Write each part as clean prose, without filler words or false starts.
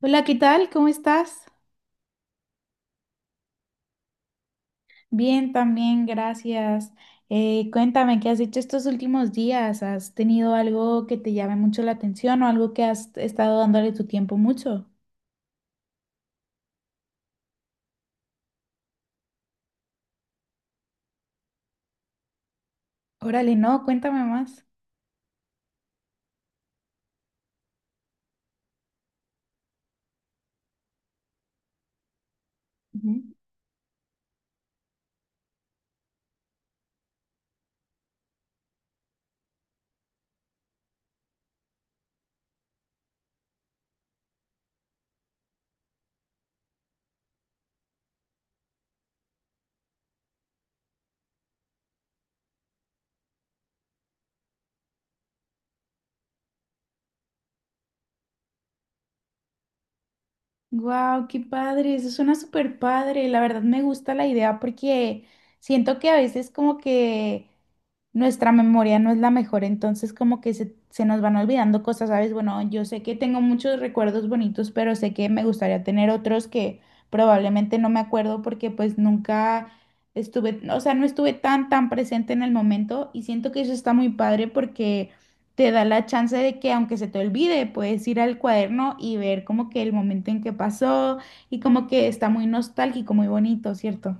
Hola, ¿qué tal? ¿Cómo estás? Bien, también, gracias. Cuéntame, ¿qué has hecho estos últimos días? ¿Has tenido algo que te llame mucho la atención o algo que has estado dándole tu tiempo mucho? Órale, no, cuéntame más. Wow, qué padre, eso suena súper padre. La verdad me gusta la idea porque siento que a veces como que nuestra memoria no es la mejor, entonces como que se nos van olvidando cosas, ¿sabes? Bueno, yo sé que tengo muchos recuerdos bonitos, pero sé que me gustaría tener otros que probablemente no me acuerdo porque pues nunca estuve, o sea, no estuve tan presente en el momento y siento que eso está muy padre porque te da la chance de que aunque se te olvide, puedes ir al cuaderno y ver como que el momento en que pasó y como que está muy nostálgico, muy bonito, ¿cierto?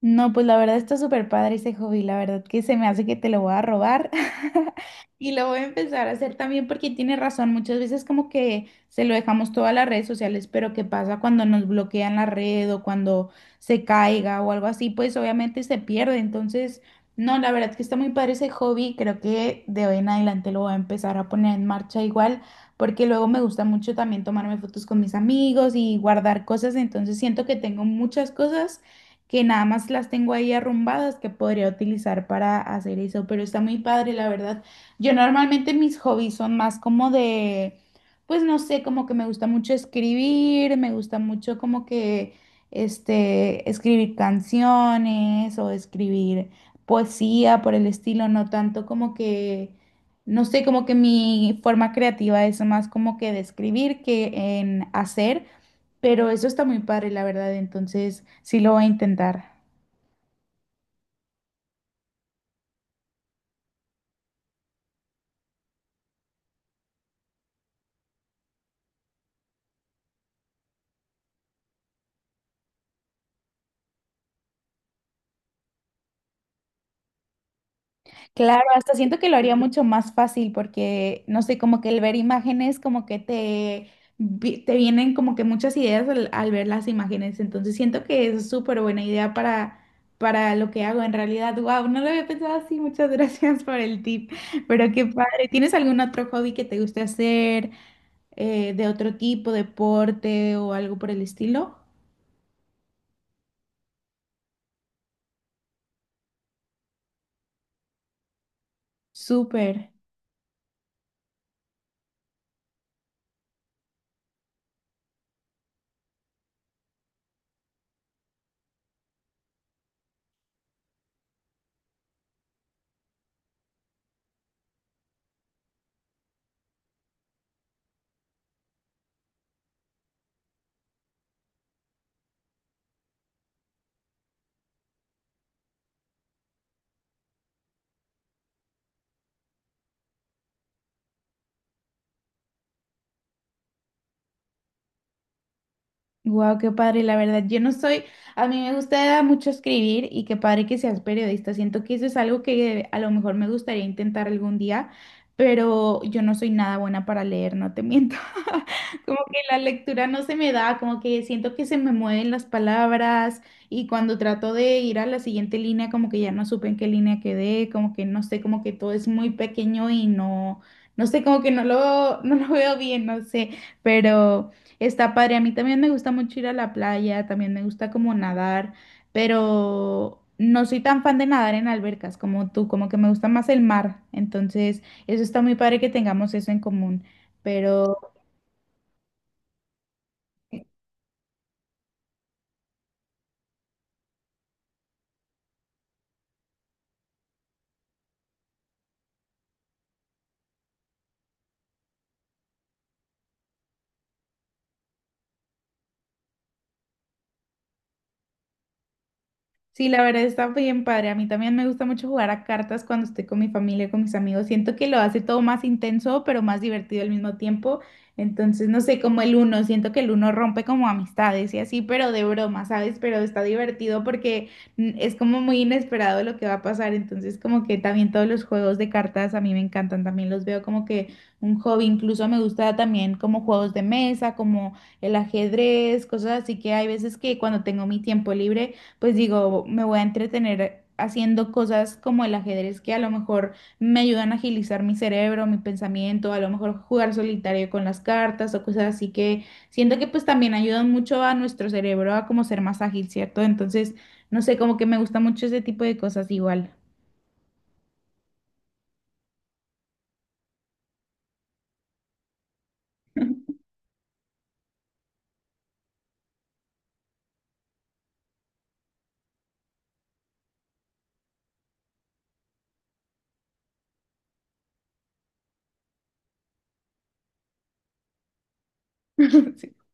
No, pues la verdad está súper padre ese hobby, la verdad que se me hace que te lo voy a robar y lo voy a empezar a hacer también porque tiene razón, muchas veces como que se lo dejamos todas las redes sociales, pero ¿qué pasa cuando nos bloquean la red o cuando se caiga o algo así? Pues obviamente se pierde, entonces no, la verdad que está muy padre ese hobby, creo que de hoy en adelante lo voy a empezar a poner en marcha igual porque luego me gusta mucho también tomarme fotos con mis amigos y guardar cosas, entonces siento que tengo muchas cosas que nada más las tengo ahí arrumbadas que podría utilizar para hacer eso, pero está muy padre, la verdad. Yo normalmente mis hobbies son más como de, pues no sé, como que me gusta mucho escribir, me gusta mucho como que, escribir canciones o escribir poesía por el estilo, no tanto como que... No sé, como que mi forma creativa es más como que de escribir que en hacer. Pero eso está muy padre, la verdad, entonces sí lo voy a intentar. Claro, sí. Hasta siento que lo haría mucho más fácil porque, no sé, como que el ver imágenes, como que te, te vienen como que muchas ideas al ver las imágenes, entonces siento que es súper buena idea para lo que hago en realidad. Wow, no lo había pensado así, muchas gracias por el tip, pero qué padre. ¿Tienes algún otro hobby que te guste hacer de otro tipo, deporte o algo por el estilo? Súper. Wow, qué padre, la verdad. Yo no soy, a mí me gusta mucho escribir y qué padre que seas periodista. Siento que eso es algo que a lo mejor me gustaría intentar algún día, pero yo no soy nada buena para leer, no te miento. Como que la lectura no se me da, como que siento que se me mueven las palabras y cuando trato de ir a la siguiente línea, como que ya no supe en qué línea quedé, como que no sé, como que todo es muy pequeño y no, no sé, como que no lo, no lo veo bien, no sé, pero... Está padre, a mí también me gusta mucho ir a la playa, también me gusta como nadar, pero no soy tan fan de nadar en albercas como tú, como que me gusta más el mar, entonces eso está muy padre que tengamos eso en común, pero sí, la verdad está bien padre. A mí también me gusta mucho jugar a cartas cuando estoy con mi familia, con mis amigos. Siento que lo hace todo más intenso, pero más divertido al mismo tiempo. Entonces, no sé, como el uno, siento que el uno rompe como amistades y así, pero de broma, ¿sabes? Pero está divertido porque es como muy inesperado lo que va a pasar. Entonces, como que también todos los juegos de cartas a mí me encantan. También los veo como que un hobby. Incluso me gusta también como juegos de mesa, como el ajedrez, cosas así que hay veces que cuando tengo mi tiempo libre pues digo, me voy a entretener haciendo cosas como el ajedrez que a lo mejor me ayudan a agilizar mi cerebro, mi pensamiento, a lo mejor jugar solitario con las cartas o cosas así que siento que pues también ayudan mucho a nuestro cerebro a como ser más ágil, ¿cierto? Entonces, no sé, como que me gusta mucho ese tipo de cosas igual.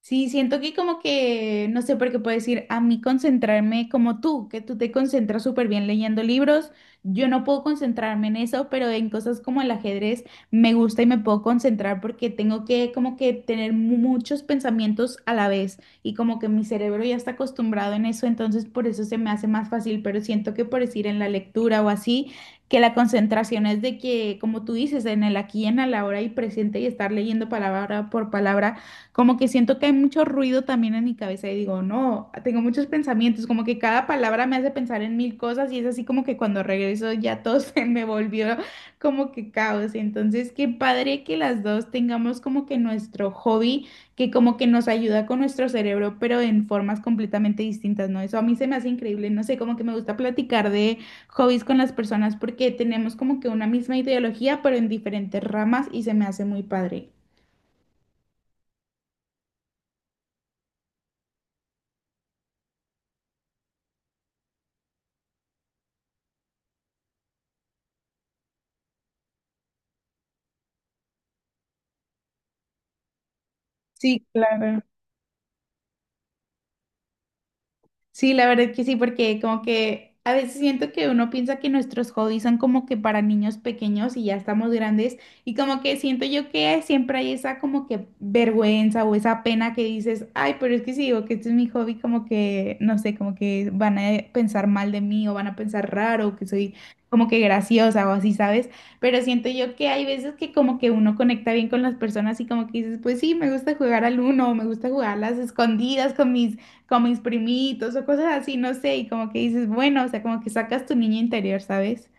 Sí, siento que como que, no sé por qué puedo decir, a mí concentrarme como tú, que tú te concentras súper bien leyendo libros, yo no puedo concentrarme en eso, pero en cosas como el ajedrez me gusta y me puedo concentrar porque tengo que como que tener muchos pensamientos a la vez y como que mi cerebro ya está acostumbrado en eso, entonces por eso se me hace más fácil, pero siento que por decir en la lectura o así, que la concentración es de que, como tú dices, en el aquí y en el ahora y presente y estar leyendo palabra por palabra. Como que siento que hay mucho ruido también en mi cabeza y digo, no, tengo muchos pensamientos, como que cada palabra me hace pensar en mil cosas y es así como que cuando regreso ya todo se me volvió como que caos. Entonces, qué padre que las dos tengamos como que nuestro hobby, que como que nos ayuda con nuestro cerebro, pero en formas completamente distintas, ¿no? Eso a mí se me hace increíble, no sé, como que me gusta platicar de hobbies con las personas porque tenemos como que una misma ideología, pero en diferentes ramas y se me hace muy padre. Sí, claro. Sí, la verdad que sí, porque como que a veces siento que uno piensa que nuestros hobbies son como que para niños pequeños y ya estamos grandes y como que siento yo que siempre hay esa como que vergüenza o esa pena que dices, ay, pero es que si digo que este es mi hobby, como que, no sé, como que van a pensar mal de mí o van a pensar raro, que soy como que graciosa o así, ¿sabes? Pero siento yo que hay veces que como que uno conecta bien con las personas y como que dices, pues sí, me gusta jugar al uno, o me gusta jugar a las escondidas con mis primitos o cosas así, no sé, y como que dices, bueno, o sea, como que sacas tu niño interior, ¿sabes?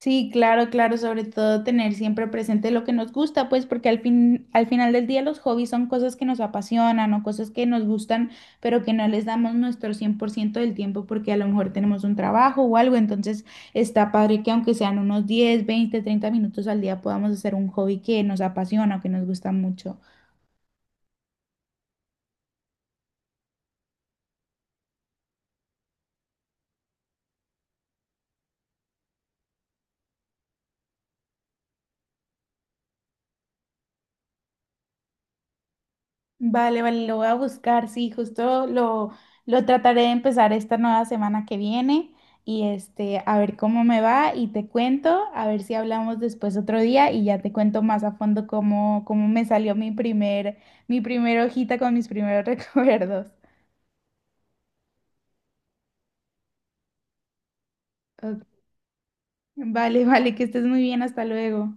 Sí, claro, claro, sobre todo tener siempre presente lo que nos gusta, pues porque al fin, al final del día los hobbies son cosas que nos apasionan o cosas que nos gustan, pero que no les damos nuestro 100% del tiempo porque a lo mejor tenemos un trabajo o algo, entonces está padre que aunque sean unos 10, 20, 30 minutos al día podamos hacer un hobby que nos apasiona o que nos gusta mucho. Vale, vale, lo voy a buscar, sí, justo lo trataré de empezar esta nueva semana que viene y a ver cómo me va y te cuento, a ver si hablamos después otro día y ya te cuento más a fondo cómo, cómo me salió mi primer, mi primera hojita con mis primeros recuerdos. Ok. Vale, vale, que estés muy bien, hasta luego.